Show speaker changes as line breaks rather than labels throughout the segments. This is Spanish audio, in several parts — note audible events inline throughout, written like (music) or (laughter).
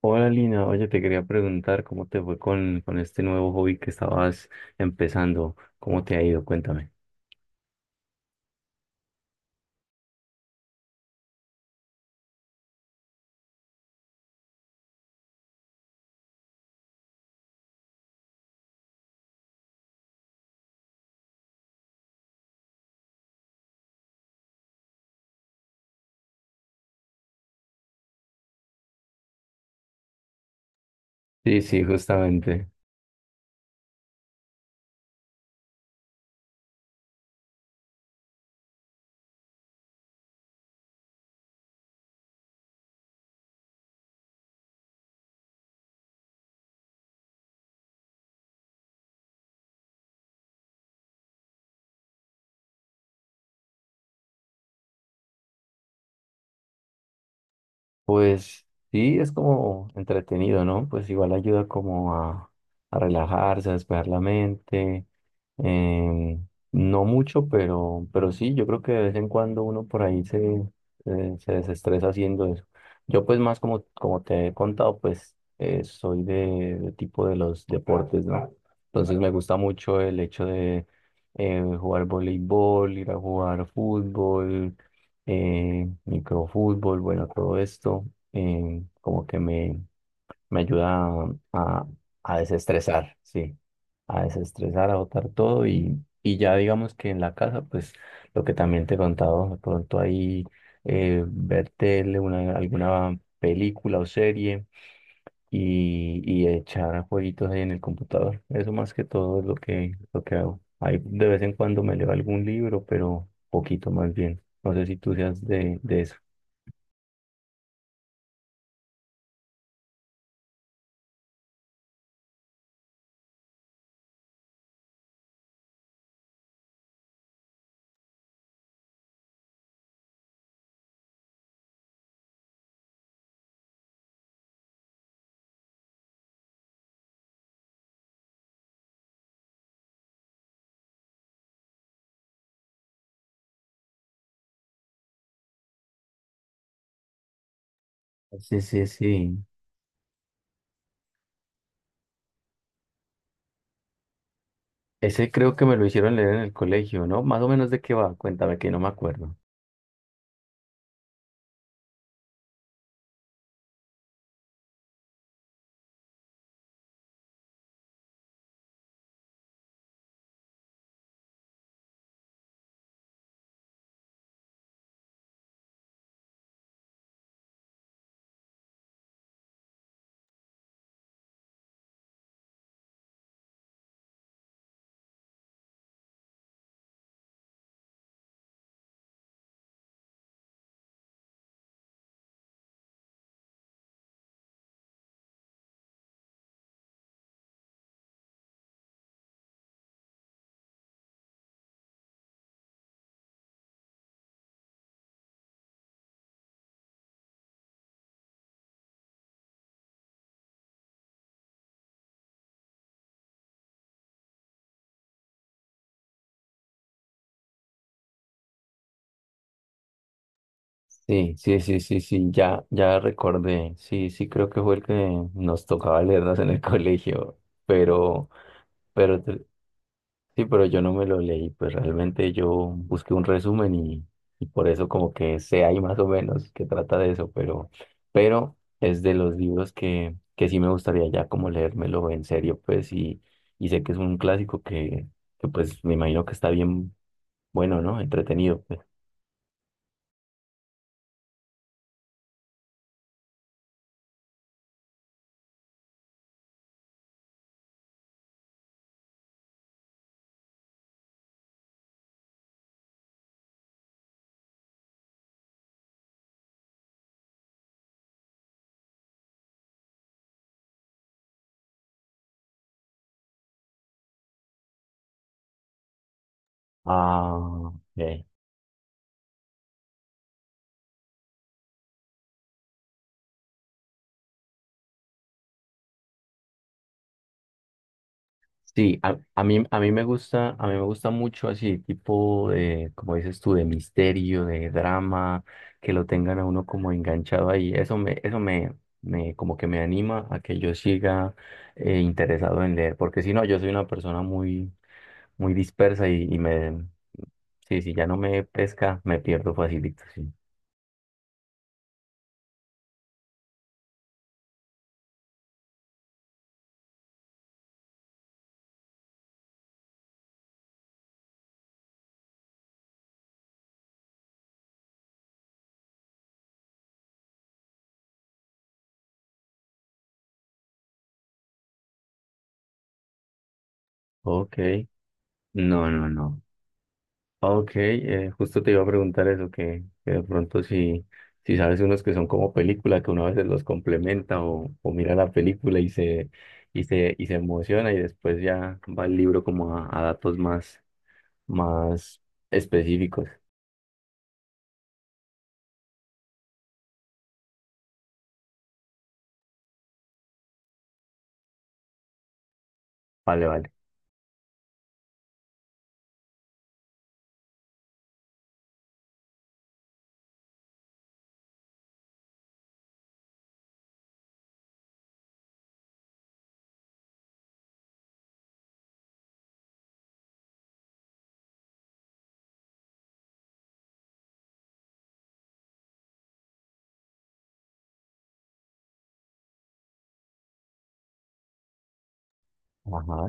Hola Lina, oye, te quería preguntar cómo te fue con este nuevo hobby que estabas empezando, cómo te ha ido, cuéntame. Sí, sí, justamente. Pues sí, es como entretenido, ¿no? Pues igual ayuda como a relajarse, a despejar la mente. em, no mucho, pero sí, yo creo que de vez en cuando uno por ahí se desestresa haciendo eso. Yo pues más como te he contado, pues soy de tipo de los deportes, ¿no? Entonces me gusta mucho el hecho de jugar voleibol, ir a jugar fútbol, microfútbol, bueno, todo esto, eh, como que me, me ayuda a desestresar, sí, a desestresar, a botar todo y ya digamos que en la casa, pues lo que también te he contado, de pronto ahí, ver tele, una, alguna película o serie y echar jueguitos ahí en el computador. Eso más que todo es lo que hago. Ahí de vez en cuando me leo algún libro, pero poquito más bien. No sé si tú seas de eso. Sí, sí, sí. Ese creo que me lo hicieron leer en el colegio, ¿no? Más o menos de qué va, cuéntame que no me acuerdo. Sí, sí, sí, sí, sí, ya, ya recordé. Sí, sí, creo que fue el que nos tocaba leernos en el (laughs) colegio, pero, pero sí, pero yo no me lo leí, pues realmente yo busqué un resumen y por eso como que sé ahí más o menos que trata de eso, pero es de los libros que sí me gustaría ya como leérmelo en serio, pues, y sé que es un clásico que pues me imagino que está bien bueno, ¿no? Entretenido, pues. Ah, ok. Sí, a mí me gusta, a mí me gusta mucho así, tipo de, como dices tú, de misterio, de drama, que lo tengan a uno como enganchado ahí. Eso me anima a que yo siga, interesado en leer, porque si no, yo soy una persona muy, muy dispersa sí, si ya no me pesca, me pierdo facilito, sí. Ok. No, no, no. Ok, justo te iba a preguntar eso, que de pronto si, si sabes unos que son como película, que uno a veces los complementa o mira la película y se emociona y después ya va el libro como a datos más, más específicos. Vale, vale. Ajá.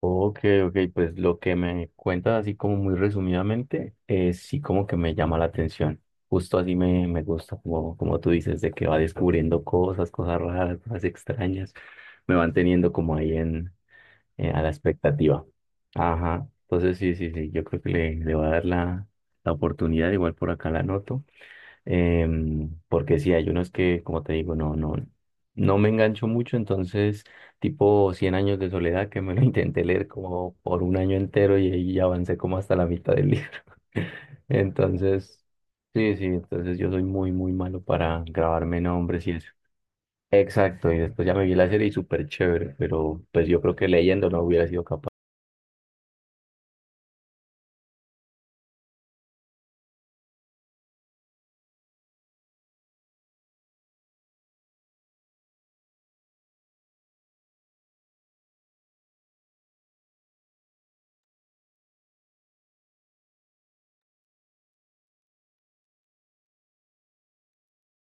Ok, ok, pues lo que me cuentas así como muy resumidamente, sí como que me llama la atención. Justo así me gusta, como, como tú dices, de que va descubriendo cosas, cosas raras, cosas extrañas. Me van teniendo como ahí en, a la expectativa. Ajá, entonces sí, sí, sí, yo creo que le voy a dar la oportunidad, igual por acá la anoto. Porque sí, hay unos que, como te digo, no, no, no me engancho mucho, entonces, tipo cien años de soledad, que me lo (laughs) intenté leer como por un año entero y ahí avancé como hasta la mitad del libro. (laughs) Entonces, sí, sí, entonces yo soy muy, muy malo para grabarme nombres y eso. Exacto, y después ya me vi la serie y súper chévere, pero pues yo creo que leyendo no hubiera sido capaz.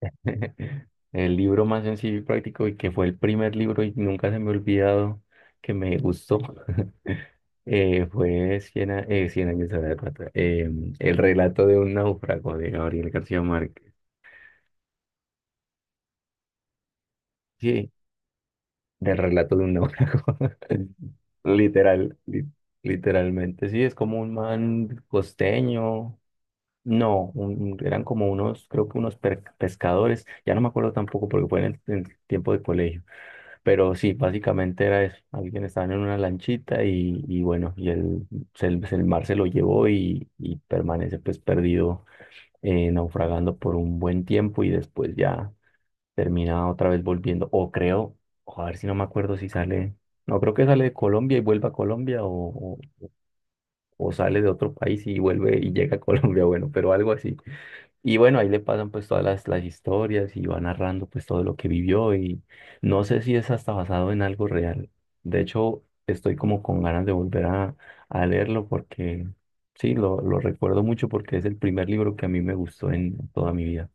(laughs) El libro más sencillo y práctico y que fue el primer libro y nunca se me ha olvidado que me gustó. (laughs) Fue Cien, a- Cien años de la Eh, el relato de un náufrago de Gabriel García Márquez. Sí, del relato de un náufrago. (laughs) Literal, literalmente. Sí, es como un man costeño. No, eran como unos, creo que pescadores. Ya no me acuerdo tampoco porque fue en en el tiempo de colegio. Pero sí, básicamente era eso. Alguien estaba en una lanchita y bueno, el mar se lo llevó y permanece pues perdido, naufragando por un buen tiempo y después ya termina otra vez volviendo. O creo, o a ver si no me acuerdo si sale, no creo que sale de Colombia y vuelva a Colombia o, o sale de otro país y vuelve y llega a Colombia, (laughs) bueno, pero algo así. Y bueno, ahí le pasan pues todas las historias y va narrando pues todo lo que vivió y no sé si es hasta basado en algo real. De hecho, estoy como con ganas de volver a leerlo porque... Sí, lo recuerdo mucho porque es el primer libro que a mí me gustó en toda mi vida.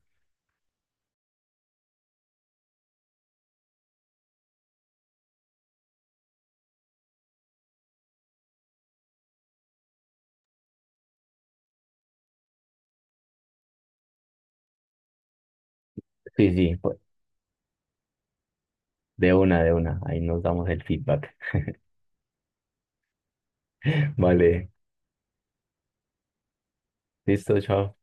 Sí, sí, pues, de una, de una. Ahí nos damos el feedback. (laughs) Vale, listo, chao.